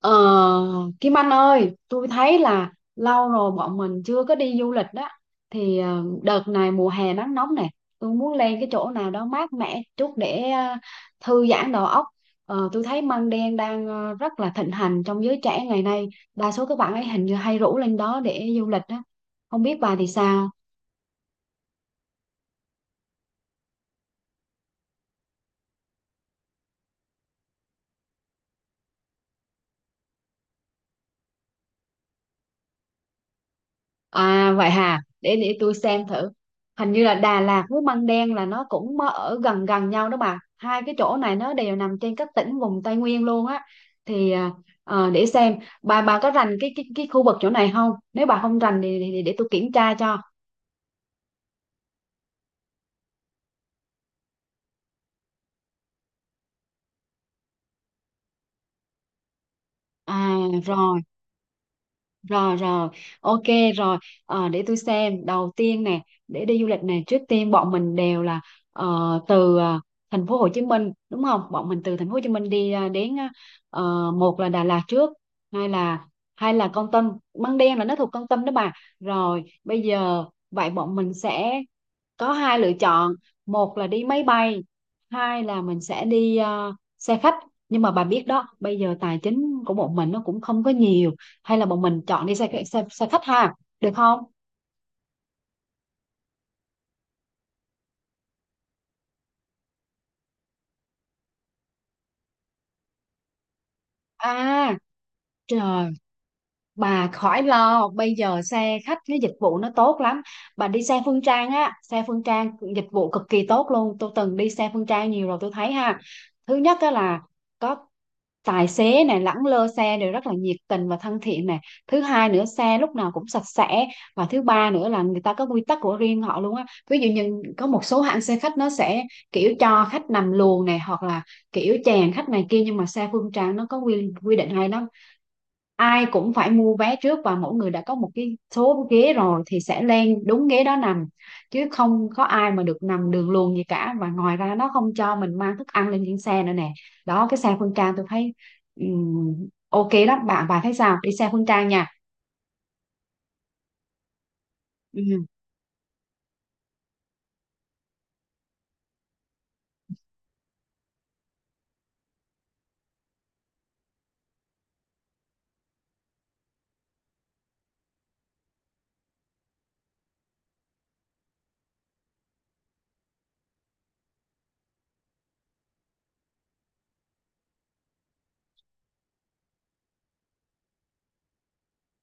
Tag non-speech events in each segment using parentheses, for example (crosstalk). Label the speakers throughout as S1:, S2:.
S1: Ờ, Kim Anh ơi, tôi thấy là lâu rồi bọn mình chưa có đi du lịch đó. Đợt này mùa hè nắng nóng này, tôi muốn lên cái chỗ nào đó mát mẻ chút để thư giãn đầu óc. Tôi thấy măng đen đang rất là thịnh hành trong giới trẻ ngày nay. Đa số các bạn ấy hình như hay rủ lên đó để du lịch đó. Không biết bà thì sao? À vậy hà, để tôi xem thử. Hình như là Đà Lạt với Măng Đen là nó cũng mơ- ở gần gần nhau đó bà. Hai cái chỗ này nó đều nằm trên các tỉnh vùng Tây Nguyên luôn á. Thì à, để xem bà có rành cái khu vực chỗ này không? Nếu bà không rành thì để tôi kiểm tra cho. À rồi. Rồi rồi, ok rồi. Ờ, để tôi xem. Đầu tiên nè, để đi du lịch nè, trước tiên bọn mình đều là ờ, từ thành phố Hồ Chí Minh đúng không? Bọn mình từ thành phố Hồ Chí Minh đi đến một là Đà Lạt trước, hai là hay là Kon Tum, Măng Đen là nó thuộc Kon Tum đó bà. Rồi, bây giờ vậy bọn mình sẽ có hai lựa chọn: một là đi máy bay, hai là mình sẽ đi xe khách. Nhưng mà bà biết đó, bây giờ tài chính của bọn mình nó cũng không có nhiều, hay là bọn mình chọn đi xe xe, xe khách ha, được không? À trời, bà khỏi lo, bây giờ xe khách cái dịch vụ nó tốt lắm. Bà đi xe Phương Trang á, xe Phương Trang dịch vụ cực kỳ tốt luôn, tôi từng đi xe Phương Trang nhiều rồi tôi thấy ha. Thứ nhất á là có tài xế này lẳng lơ xe đều rất là nhiệt tình và thân thiện này, thứ hai nữa xe lúc nào cũng sạch sẽ, và thứ ba nữa là người ta có quy tắc của riêng họ luôn á. Ví dụ như có một số hãng xe khách nó sẽ kiểu cho khách nằm luồng này hoặc là kiểu chèn khách này kia, nhưng mà xe Phương Trang nó có quy quy định, hay nó ai cũng phải mua vé trước và mỗi người đã có một cái số ghế rồi thì sẽ lên đúng ghế đó nằm, chứ không có ai mà được nằm đường luồn gì cả. Và ngoài ra nó không cho mình mang thức ăn lên trên xe nữa nè. Đó, cái xe Phương Trang tôi thấy ừm, ok lắm bạn, bà thấy sao, đi xe Phương Trang nha.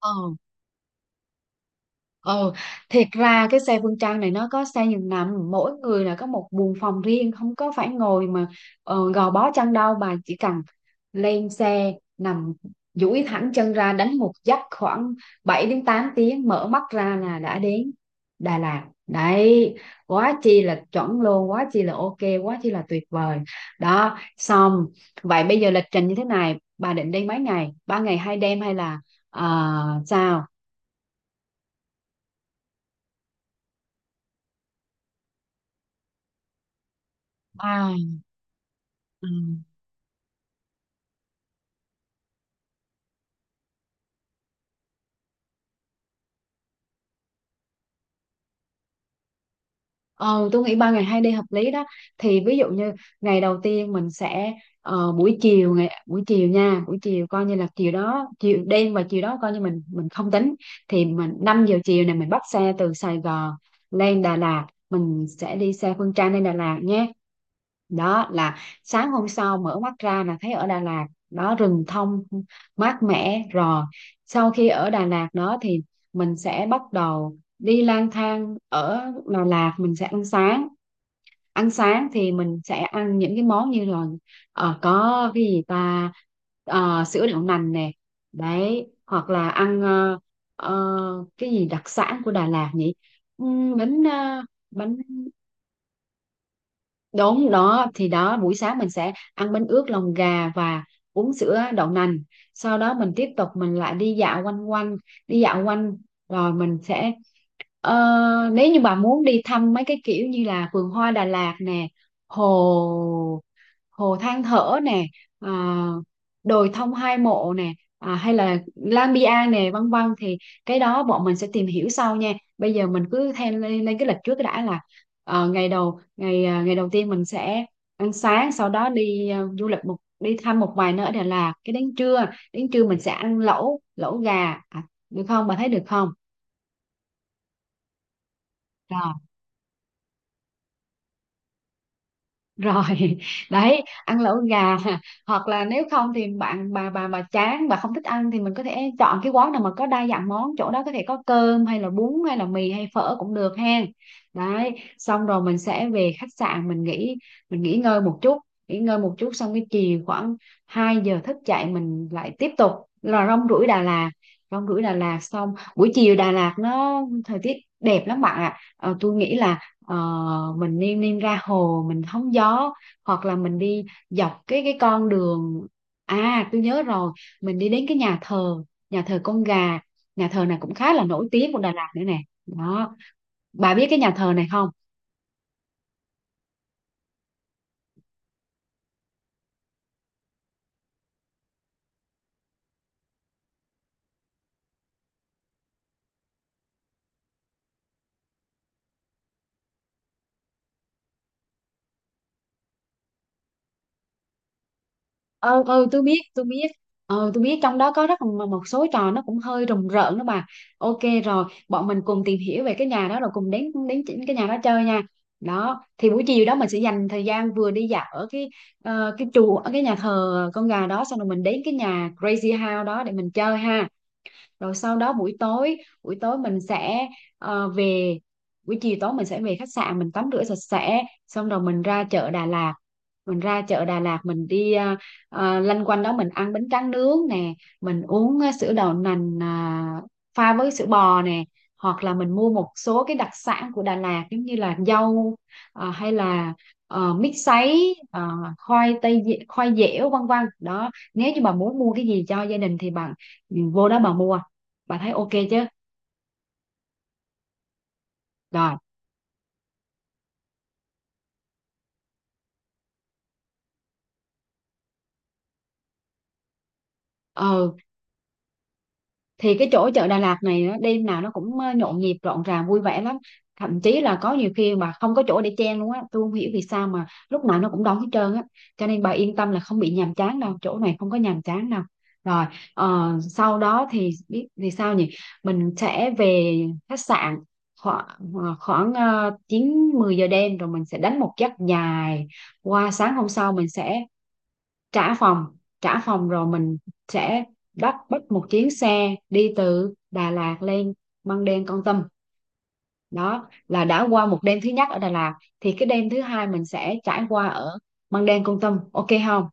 S1: Ừ. Ừ, thiệt ra cái xe Phương Trang này nó có xe giường nằm, mỗi người là có một buồng phòng riêng, không có phải ngồi mà gò bó chăn đâu, mà chỉ cần lên xe nằm duỗi thẳng chân ra đánh một giấc khoảng 7 đến 8 tiếng, mở mắt ra là đã đến Đà Lạt đấy. Quá chi là chuẩn luôn, quá chi là ok, quá chi là tuyệt vời. Đó xong, vậy bây giờ lịch trình như thế này, bà định đi mấy ngày, ba ngày hai đêm hay là sao? Ba. Ừ. Ờ, tôi nghĩ ba ngày hai đêm hợp lý đó. Thì ví dụ như ngày đầu tiên mình sẽ buổi chiều, ngày buổi chiều nha, buổi chiều coi như là chiều đó, chiều đêm và chiều đó coi như mình không tính, thì mình 5 giờ chiều này mình bắt xe từ Sài Gòn lên Đà Lạt, mình sẽ đi xe Phương Trang lên Đà Lạt nhé. Đó là sáng hôm sau mở mắt ra là thấy ở Đà Lạt đó, rừng thông mát mẻ rồi. Sau khi ở Đà Lạt đó thì mình sẽ bắt đầu đi lang thang ở Đà Lạt, mình sẽ ăn sáng. Ăn sáng thì mình sẽ ăn những cái món như là có cái gì ta. Ờ, sữa đậu nành nè, đấy, hoặc là ăn cái gì đặc sản của Đà Lạt nhỉ? Bánh bánh. Đúng đó, thì đó buổi sáng mình sẽ ăn bánh ướt lòng gà và uống sữa đậu nành. Sau đó mình tiếp tục, mình lại đi dạo quanh quanh, đi dạo quanh, rồi mình sẽ Ờ, nếu như bà muốn đi thăm mấy cái kiểu như là vườn hoa Đà Lạt nè, hồ hồ Than Thở nè, ờ, đồi Thông Hai Mộ nè, à, hay là Lang Biang nè, vân vân, thì cái đó bọn mình sẽ tìm hiểu sau nha. Bây giờ mình cứ theo lên, lên cái lịch trước đã, là ngày đầu tiên mình sẽ ăn sáng, sau đó đi à, du lịch một đi thăm một vài nơi ở Đà Lạt. Cái đến trưa, đến trưa mình sẽ ăn lẩu, lẩu gà, à, được không? Bà thấy được không? Rồi. (laughs) Đấy ăn lẩu gà, hoặc là nếu không thì bạn bà mà chán, bà không thích ăn thì mình có thể chọn cái quán nào mà có đa dạng món, chỗ đó có thể có cơm hay là bún hay là mì hay phở cũng được ha. Đấy. Xong rồi mình sẽ về khách sạn mình nghỉ, mình nghỉ ngơi một chút. Nghỉ ngơi một chút xong cái chiều khoảng 2 giờ thức dậy, mình lại tiếp tục là rong ruổi Đà Lạt. Rong ruổi Đà Lạt xong, buổi chiều Đà Lạt nó thời tiết đẹp lắm bạn ạ. Ờ, tôi nghĩ là Ờ, mình niêm niêm ra hồ mình hóng gió, hoặc là mình đi dọc cái con đường. À tôi nhớ rồi, mình đi đến cái nhà thờ, nhà thờ Con Gà, nhà thờ này cũng khá là nổi tiếng của Đà Lạt nữa nè. Đó. Bà biết cái nhà thờ này không? Ừ, tôi biết, tôi biết. Ừ tôi biết, trong đó có rất là một số trò nó cũng hơi rùng rợn đó bà. Ok, rồi bọn mình cùng tìm hiểu về cái nhà đó rồi cùng đến đến chỉ- cái nhà đó chơi nha. Đó thì buổi chiều đó mình sẽ dành thời gian vừa đi dạo ở cái chùa, ở cái nhà thờ Con Gà đó xong rồi mình đến cái nhà Crazy House đó để mình chơi ha. Rồi sau đó buổi tối, buổi tối mình sẽ ờ, về buổi chiều tối mình sẽ về khách sạn, mình tắm rửa sạch sẽ xong rồi mình ra chợ Đà Lạt, mình ra chợ Đà Lạt mình đi lanh quanh đó, mình ăn bánh tráng nướng nè, mình uống sữa đậu nành à, pha với sữa bò nè, hoặc là mình mua một số cái đặc sản của Đà Lạt giống như là dâu, hay là mít sấy, khoai tây dẻ- khoai dẻo vân vân đó. Nếu như bà muốn mua cái gì cho gia đình thì bạn ừ, vô đó bà mua. Bà thấy ok chứ? Rồi. Ừ, thì cái chỗ chợ Đà Lạt này á, đêm nào nó cũng nhộn nhịp rộn ràng vui vẻ lắm, thậm chí là có nhiều khi mà không có chỗ để chen luôn á, tôi không hiểu vì sao mà lúc nào nó cũng đóng hết trơn á, cho nên bà yên tâm là không bị nhàm chán đâu, chỗ này không có nhàm chán đâu. Rồi, sau đó thì biết vì sao nhỉ, mình sẽ về khách sạn khoảng khoảng 9, 10 giờ đêm, rồi mình sẽ đánh một giấc dài. Qua sáng hôm sau mình sẽ trả phòng, trả phòng rồi mình sẽ bắt bắt một chuyến xe đi từ Đà Lạt lên Măng Đen, Kon Tum. Đó là đã qua một đêm thứ nhất ở Đà Lạt, thì cái đêm thứ hai mình sẽ trải qua ở Măng Đen, Kon Tum, ok không?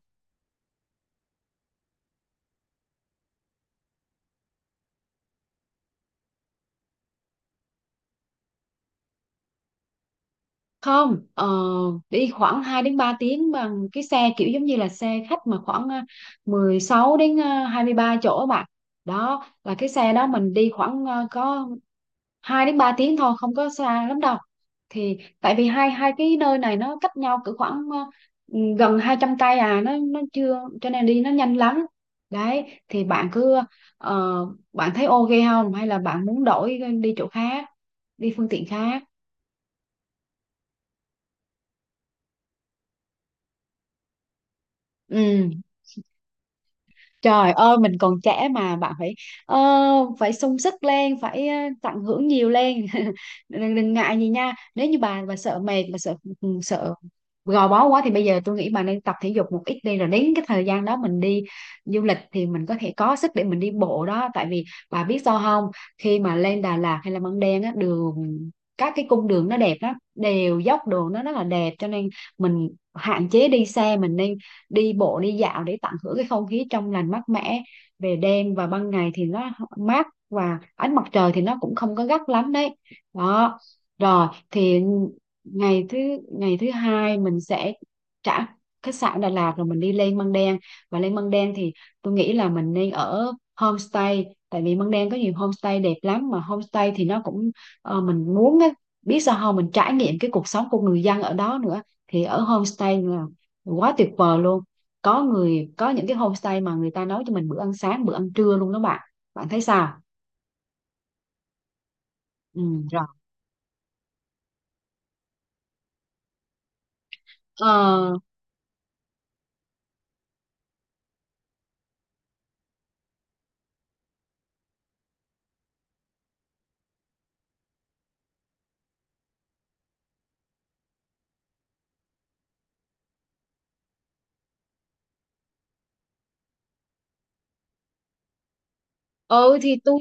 S1: Không, đi khoảng 2 đến 3 tiếng, bằng cái xe kiểu giống như là xe khách mà khoảng à, 16 đến 23 chỗ bạn. Đó là cái xe đó mình đi khoảng à, có 2 đến 3 tiếng thôi, không có xa lắm đâu, thì tại vì hai hai cái nơi này nó cách nhau cỡ khoảng gần 200 cây à, nó chưa, cho nên đi nó nhanh lắm. Đấy thì bạn cứ ờ, bạn thấy ok không, hay là bạn muốn đổi đi chỗ khác, đi phương tiện khác? Ừ. Trời ơi mình còn trẻ mà bạn, phải ờ, phải sung sức lên, phải tận hưởng nhiều lên. (laughs) Đừng, đừng ngại gì nha, nếu như bà sợ mệt, bà sợ ừ, sợ gò bó quá thì bây giờ tôi nghĩ bà nên tập thể dục một ít đi, rồi đến cái Thời gian đó mình đi du lịch thì mình có thể có sức để mình đi bộ đó, tại vì bà biết sao không? Khi mà lên Đà Lạt hay là Măng Đen á, đường các cái cung đường nó đẹp lắm, đều dốc, đường nó rất là đẹp, cho nên mình hạn chế đi xe, mình nên đi bộ đi dạo để tận hưởng cái không khí trong lành mát mẻ về đêm, và ban ngày thì nó mát và ánh mặt trời thì nó cũng không có gắt lắm đấy đó. Rồi thì ngày thứ ngày thứ hai mình sẽ trả khách sạn Đà Lạt rồi mình đi lên Măng Đen. Và lên Măng Đen thì tôi nghĩ là mình nên ở homestay, tại vì Măng Đen có nhiều homestay đẹp lắm, mà homestay thì nó cũng mình muốn á, biết sao không, mình trải nghiệm cái cuộc sống của người dân ở đó nữa. Thì ở homestay là quá tuyệt vời luôn, có người có những cái homestay mà người ta nấu cho mình bữa ăn sáng bữa ăn trưa luôn đó bạn. Bạn thấy sao? Ừ. Rồi. Ờ, ừ thì tôi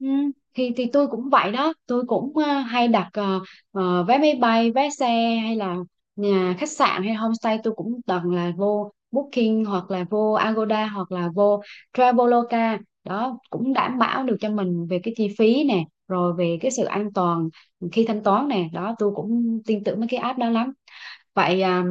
S1: ừ, thì tôi cũng vậy đó, tôi cũng hay đặt vé máy bay, vé xe hay là nhà khách sạn hay homestay, tôi cũng toàn là vô Booking hoặc là vô Agoda hoặc là vô Traveloka đó, cũng đảm bảo được cho mình về cái chi phí nè rồi về cái sự an toàn khi thanh toán nè đó. Tôi cũng tin tưởng mấy cái app đó lắm. Vậy à,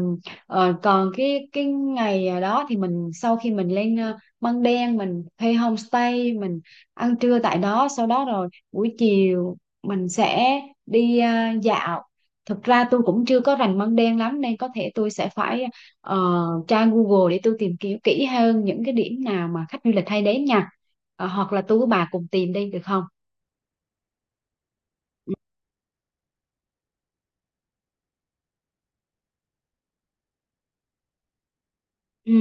S1: còn cái ngày à, đó thì mình sau khi mình lên Măng Đen, mình thuê homestay, mình ăn trưa tại đó, sau đó rồi buổi chiều mình sẽ đi à, dạo. Thực ra tôi cũng chưa có rành Măng Đen lắm nên có thể tôi sẽ phải ờ, tra Google để tôi tìm kiếm kỹ hơn những cái điểm nào mà khách du lịch hay đến nha. Ờ, hoặc là tôi với bà cùng tìm đi được không? Ừ.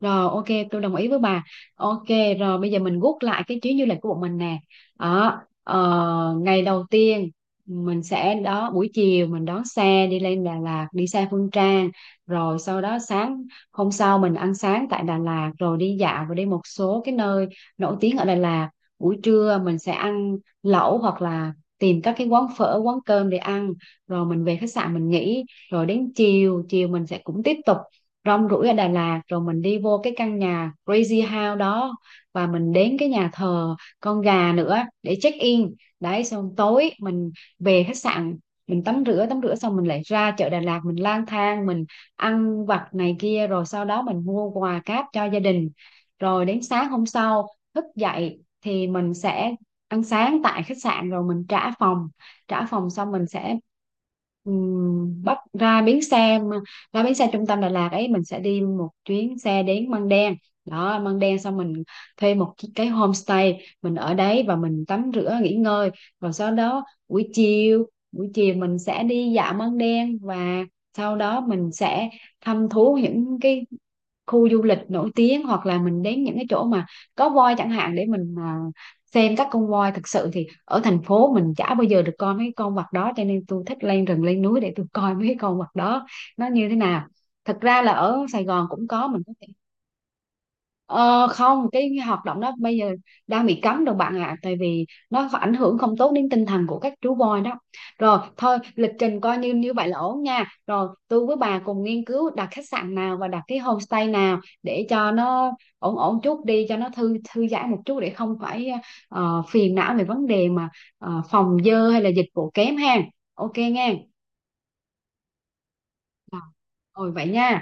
S1: Rồi, ok, tôi đồng ý với bà. Ok, rồi bây giờ mình gút lại cái chuyến du lịch của bọn mình nè đó. Ờ, ngày đầu tiên mình sẽ đó buổi chiều mình đón xe đi lên Đà Lạt, đi xe Phương Trang, rồi sau đó sáng hôm sau mình ăn sáng tại Đà Lạt rồi đi dạo và đi một số cái nơi nổi tiếng ở Đà Lạt. Buổi trưa mình sẽ ăn lẩu hoặc là tìm các cái quán phở quán cơm để ăn, rồi mình về khách sạn mình nghỉ. Rồi đến chiều chiều mình sẽ cũng tiếp tục rong ruổi ở Đà Lạt, rồi mình đi vô cái căn nhà Crazy House đó và mình đến cái nhà thờ con gà nữa để check in. Đấy, xong tối mình về khách sạn, mình tắm rửa, tắm rửa xong mình lại ra chợ Đà Lạt mình lang thang mình ăn vặt này kia, rồi sau đó mình mua quà cáp cho gia đình. Rồi đến sáng hôm sau thức dậy thì mình sẽ ăn sáng tại khách sạn rồi mình trả phòng. Trả phòng xong mình sẽ bắt ra bến xe, ra bến xe trung tâm Đà Lạt ấy, mình sẽ đi một chuyến xe đến Măng Đen. Đó, Măng Đen xong mình thuê một cái homestay, mình ở đấy và mình tắm rửa nghỉ ngơi, rồi sau đó buổi chiều, buổi chiều mình sẽ đi dạo Măng Đen. Và sau đó mình sẽ thăm thú những cái khu du lịch nổi tiếng hoặc là mình đến những cái chỗ mà có voi chẳng hạn để mình à, xem các con voi. Thực sự thì ở thành phố mình chả bao giờ được coi mấy con vật đó, cho nên tôi thích lên rừng lên núi để tôi coi mấy con vật đó nó như thế nào. Thật ra là ở Sài Gòn cũng có, mình có. Ờ, không, cái cái hoạt động đó bây giờ đang bị cấm rồi bạn ạ, à, tại vì nó ảnh hưởng không tốt đến tinh thần của các chú voi đó. Rồi thôi lịch trình coi như như vậy là ổn nha, rồi tôi với bà cùng nghiên cứu đặt khách sạn nào và đặt cái homestay nào để cho nó ổn ổn chút đi cho nó thư thư giãn một chút để không phải phiền não về vấn đề mà phòng dơ hay là dịch vụ kém ha. Ok nghe. Rồi vậy nha.